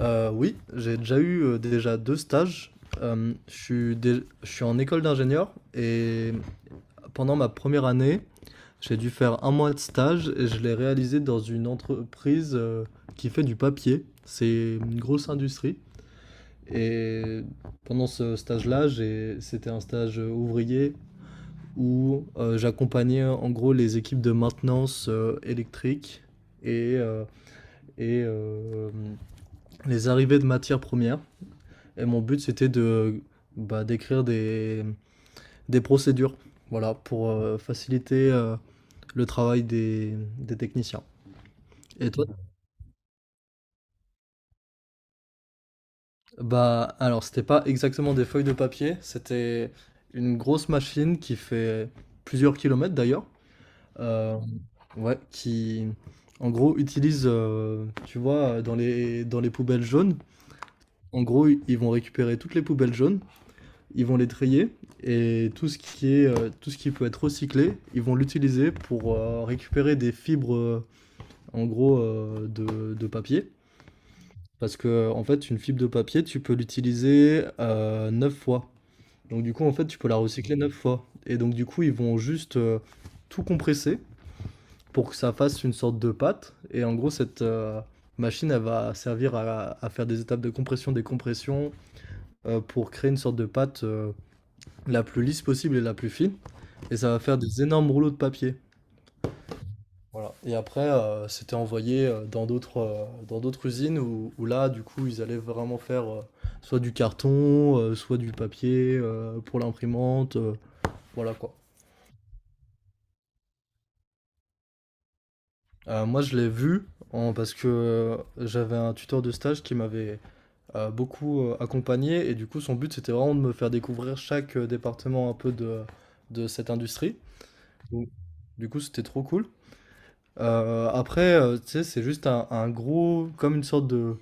Oui, j'ai déjà eu déjà deux stages. Je suis, je suis en école d'ingénieur et pendant ma première année, j'ai dû faire un mois de stage et je l'ai réalisé dans une entreprise qui fait du papier. C'est une grosse industrie. Et pendant ce stage-là, c'était un stage ouvrier où j'accompagnais en gros les équipes de maintenance électrique et, euh, et les arrivées de matières premières. Et mon but, c'était de bah, d'écrire des procédures, voilà, pour faciliter le travail des techniciens. Et toi? Bah, alors, c'était pas exactement des feuilles de papier, c'était une grosse machine qui fait plusieurs kilomètres d'ailleurs, euh, ouais, qui en gros utilise, tu vois, dans les poubelles jaunes, en gros, ils vont récupérer toutes les poubelles jaunes, ils vont les trier et tout ce qui est tout ce qui peut être recyclé, ils vont l'utiliser pour récupérer des fibres en gros de papier, parce que en fait une fibre de papier tu peux l'utiliser 9 fois. Donc du coup en fait tu peux la recycler 9 fois et donc du coup ils vont juste tout compresser pour que ça fasse une sorte de pâte et en gros cette machine elle va servir à faire des étapes de compression, des compressions pour créer une sorte de pâte la plus lisse possible et la plus fine. Et ça va faire des énormes rouleaux de papier. Voilà. Et après, c'était envoyé euh, dans d'autres dans d'autres usines où, où là, du coup, ils allaient vraiment faire soit du carton, soit du papier pour l'imprimante. Voilà quoi. Moi, je l'ai vu parce que j'avais un tuteur de stage qui m'avait beaucoup accompagné. Et du coup, son but, c'était vraiment de me faire découvrir chaque département un peu de cette industrie. Donc, Du coup, c'était trop cool. Après, tu sais, un gros, comme une sorte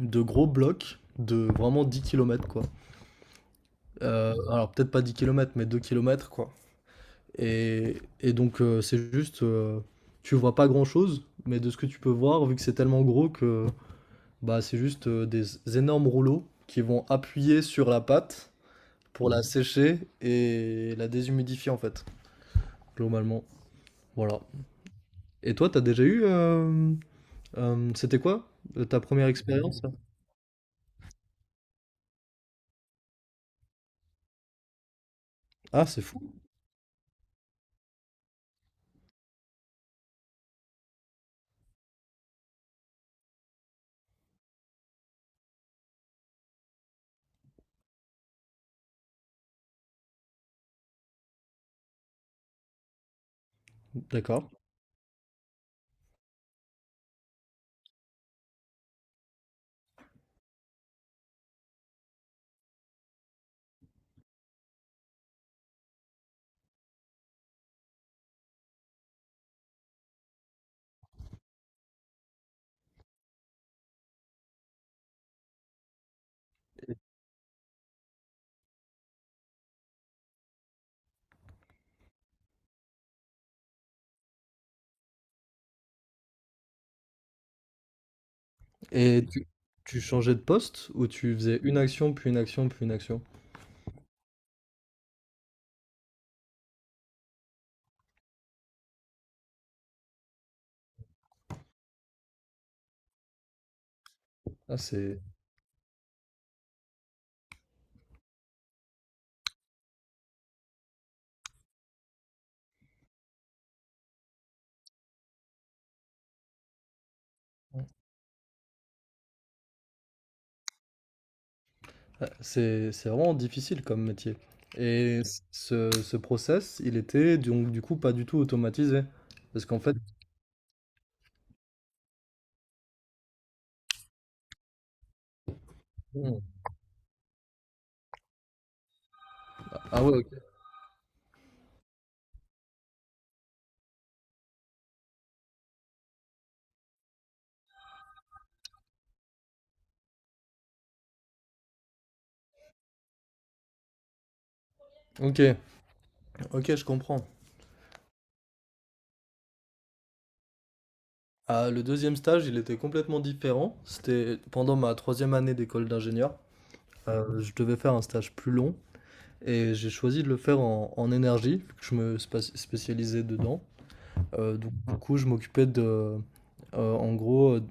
de gros bloc de vraiment 10 kilomètres quoi. Alors, peut-être pas 10 kilomètres, mais 2 kilomètres quoi. Et donc, c'est juste, tu vois pas grand-chose, mais de ce que tu peux voir, vu que c'est tellement gros que bah, c'est juste des énormes rouleaux qui vont appuyer sur la pâte pour la sécher et la déshumidifier, en fait, globalement. Voilà. Et toi, t'as déjà eu, c'était quoi ta première expérience? Ah, c'est fou, d'accord. Et tu changeais de poste ou tu faisais une action, puis une action, puis une action? Ah, c'est c'est vraiment difficile comme métier. Et ce process, il était donc du coup pas du tout automatisé. Parce qu'en fait... Hmm. Ah ouais, ok. Ok, ok, je comprends. Ah, le deuxième stage, il était complètement différent. C'était pendant ma troisième année d'école d'ingénieur. Je devais faire un stage plus long et j'ai choisi de le faire en énergie, vu que je me spécialisais dedans. Donc du coup, je m'occupais de, en gros,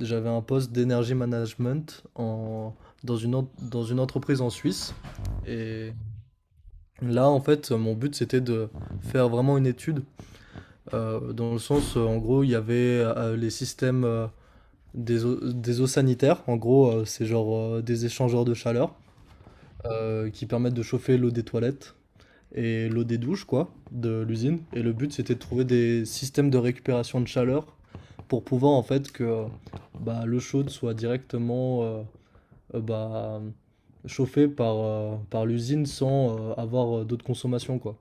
j'avais un poste d'énergie management en dans une entreprise en Suisse et là, en fait, mon but, c'était de faire vraiment une étude, dans le sens, en gros, il y avait, les systèmes, des eaux sanitaires. En gros, c'est genre, des échangeurs de chaleur, qui permettent de chauffer l'eau des toilettes et l'eau des douches, quoi, de l'usine. Et le but, c'était de trouver des systèmes de récupération de chaleur pour pouvoir, en fait, que bah, l'eau chaude soit directement bah, chauffée par l'usine sans avoir d'autres consommations, quoi.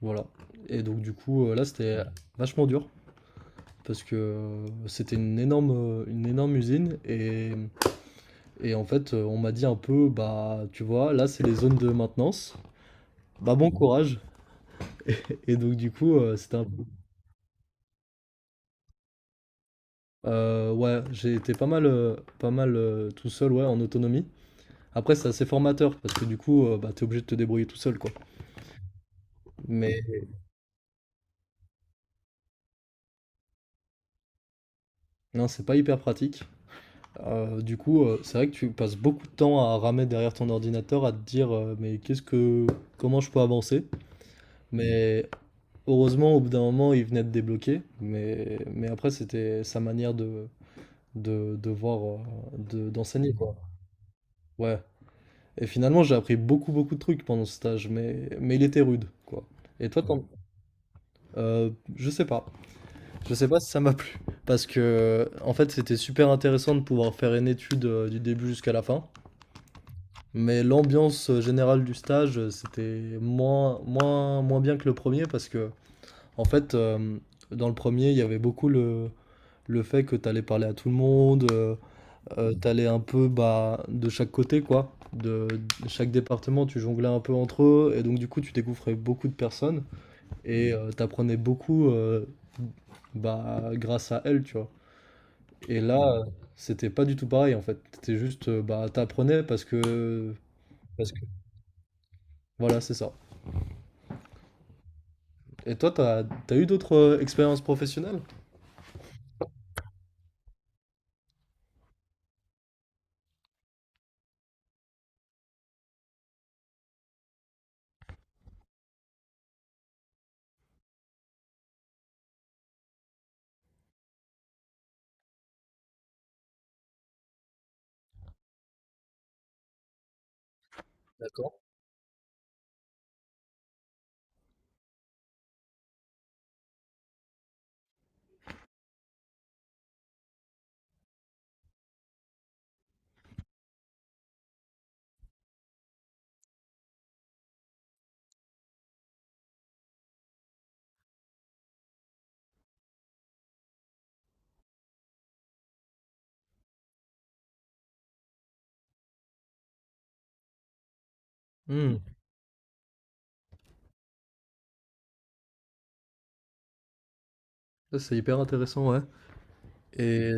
Voilà. Et donc, là, c'était vachement dur. Parce que c'était une énorme usine et en fait on m'a dit un peu bah tu vois là c'est les zones de maintenance, bah bon courage, et donc du coup, c'était un peu... Ouais, j'ai été pas mal, pas mal tout seul, ouais, en autonomie. Après, c'est assez formateur parce que du coup, bah, t'es obligé de te débrouiller tout seul, quoi. Mais non, c'est pas hyper pratique. Du coup, c'est vrai que tu passes beaucoup de temps à ramer derrière ton ordinateur, à te dire, mais qu'est-ce que, comment je peux avancer? Mais heureusement, au bout d'un moment, il venait de débloquer. Mais après, c'était sa manière de voir, d'enseigner, quoi. Ouais. Et finalement, j'ai appris beaucoup, beaucoup de trucs pendant ce stage, mais il était rude, quoi. Et toi, je sais pas. Je sais pas si ça m'a plu. Parce que, en fait, c'était super intéressant de pouvoir faire une étude du début jusqu'à la fin. Mais l'ambiance générale du stage, c'était moins, moins, moins bien que le premier. Parce que, en fait, dans le premier, il y avait beaucoup le fait que t'allais parler à tout le monde. T'allais un peu bah, de chaque côté, quoi. De chaque département, tu jonglais un peu entre eux, et donc du coup, tu découvrais beaucoup de personnes, et t'apprenais beaucoup bah, grâce à elles, tu vois. Et là, c'était pas du tout pareil, en fait. C'était juste, bah, t'apprenais parce que... Voilà, c'est ça. Et toi, t'as eu d'autres expériences professionnelles? D'accord. Hmm. Ça, c'est hyper intéressant, ouais. Et...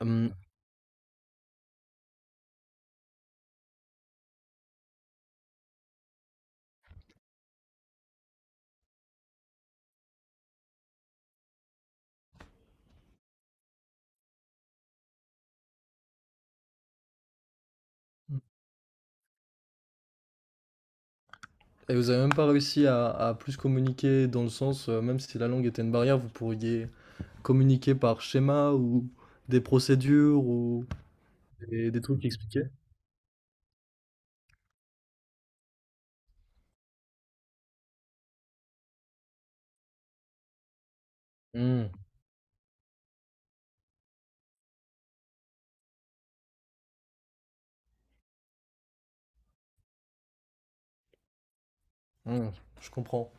hum. Et vous avez même pas réussi à plus communiquer dans le sens, même si la langue était une barrière, vous pourriez communiquer par schéma ou des procédures ou des trucs expliqués. Hmm, hmm, je comprends.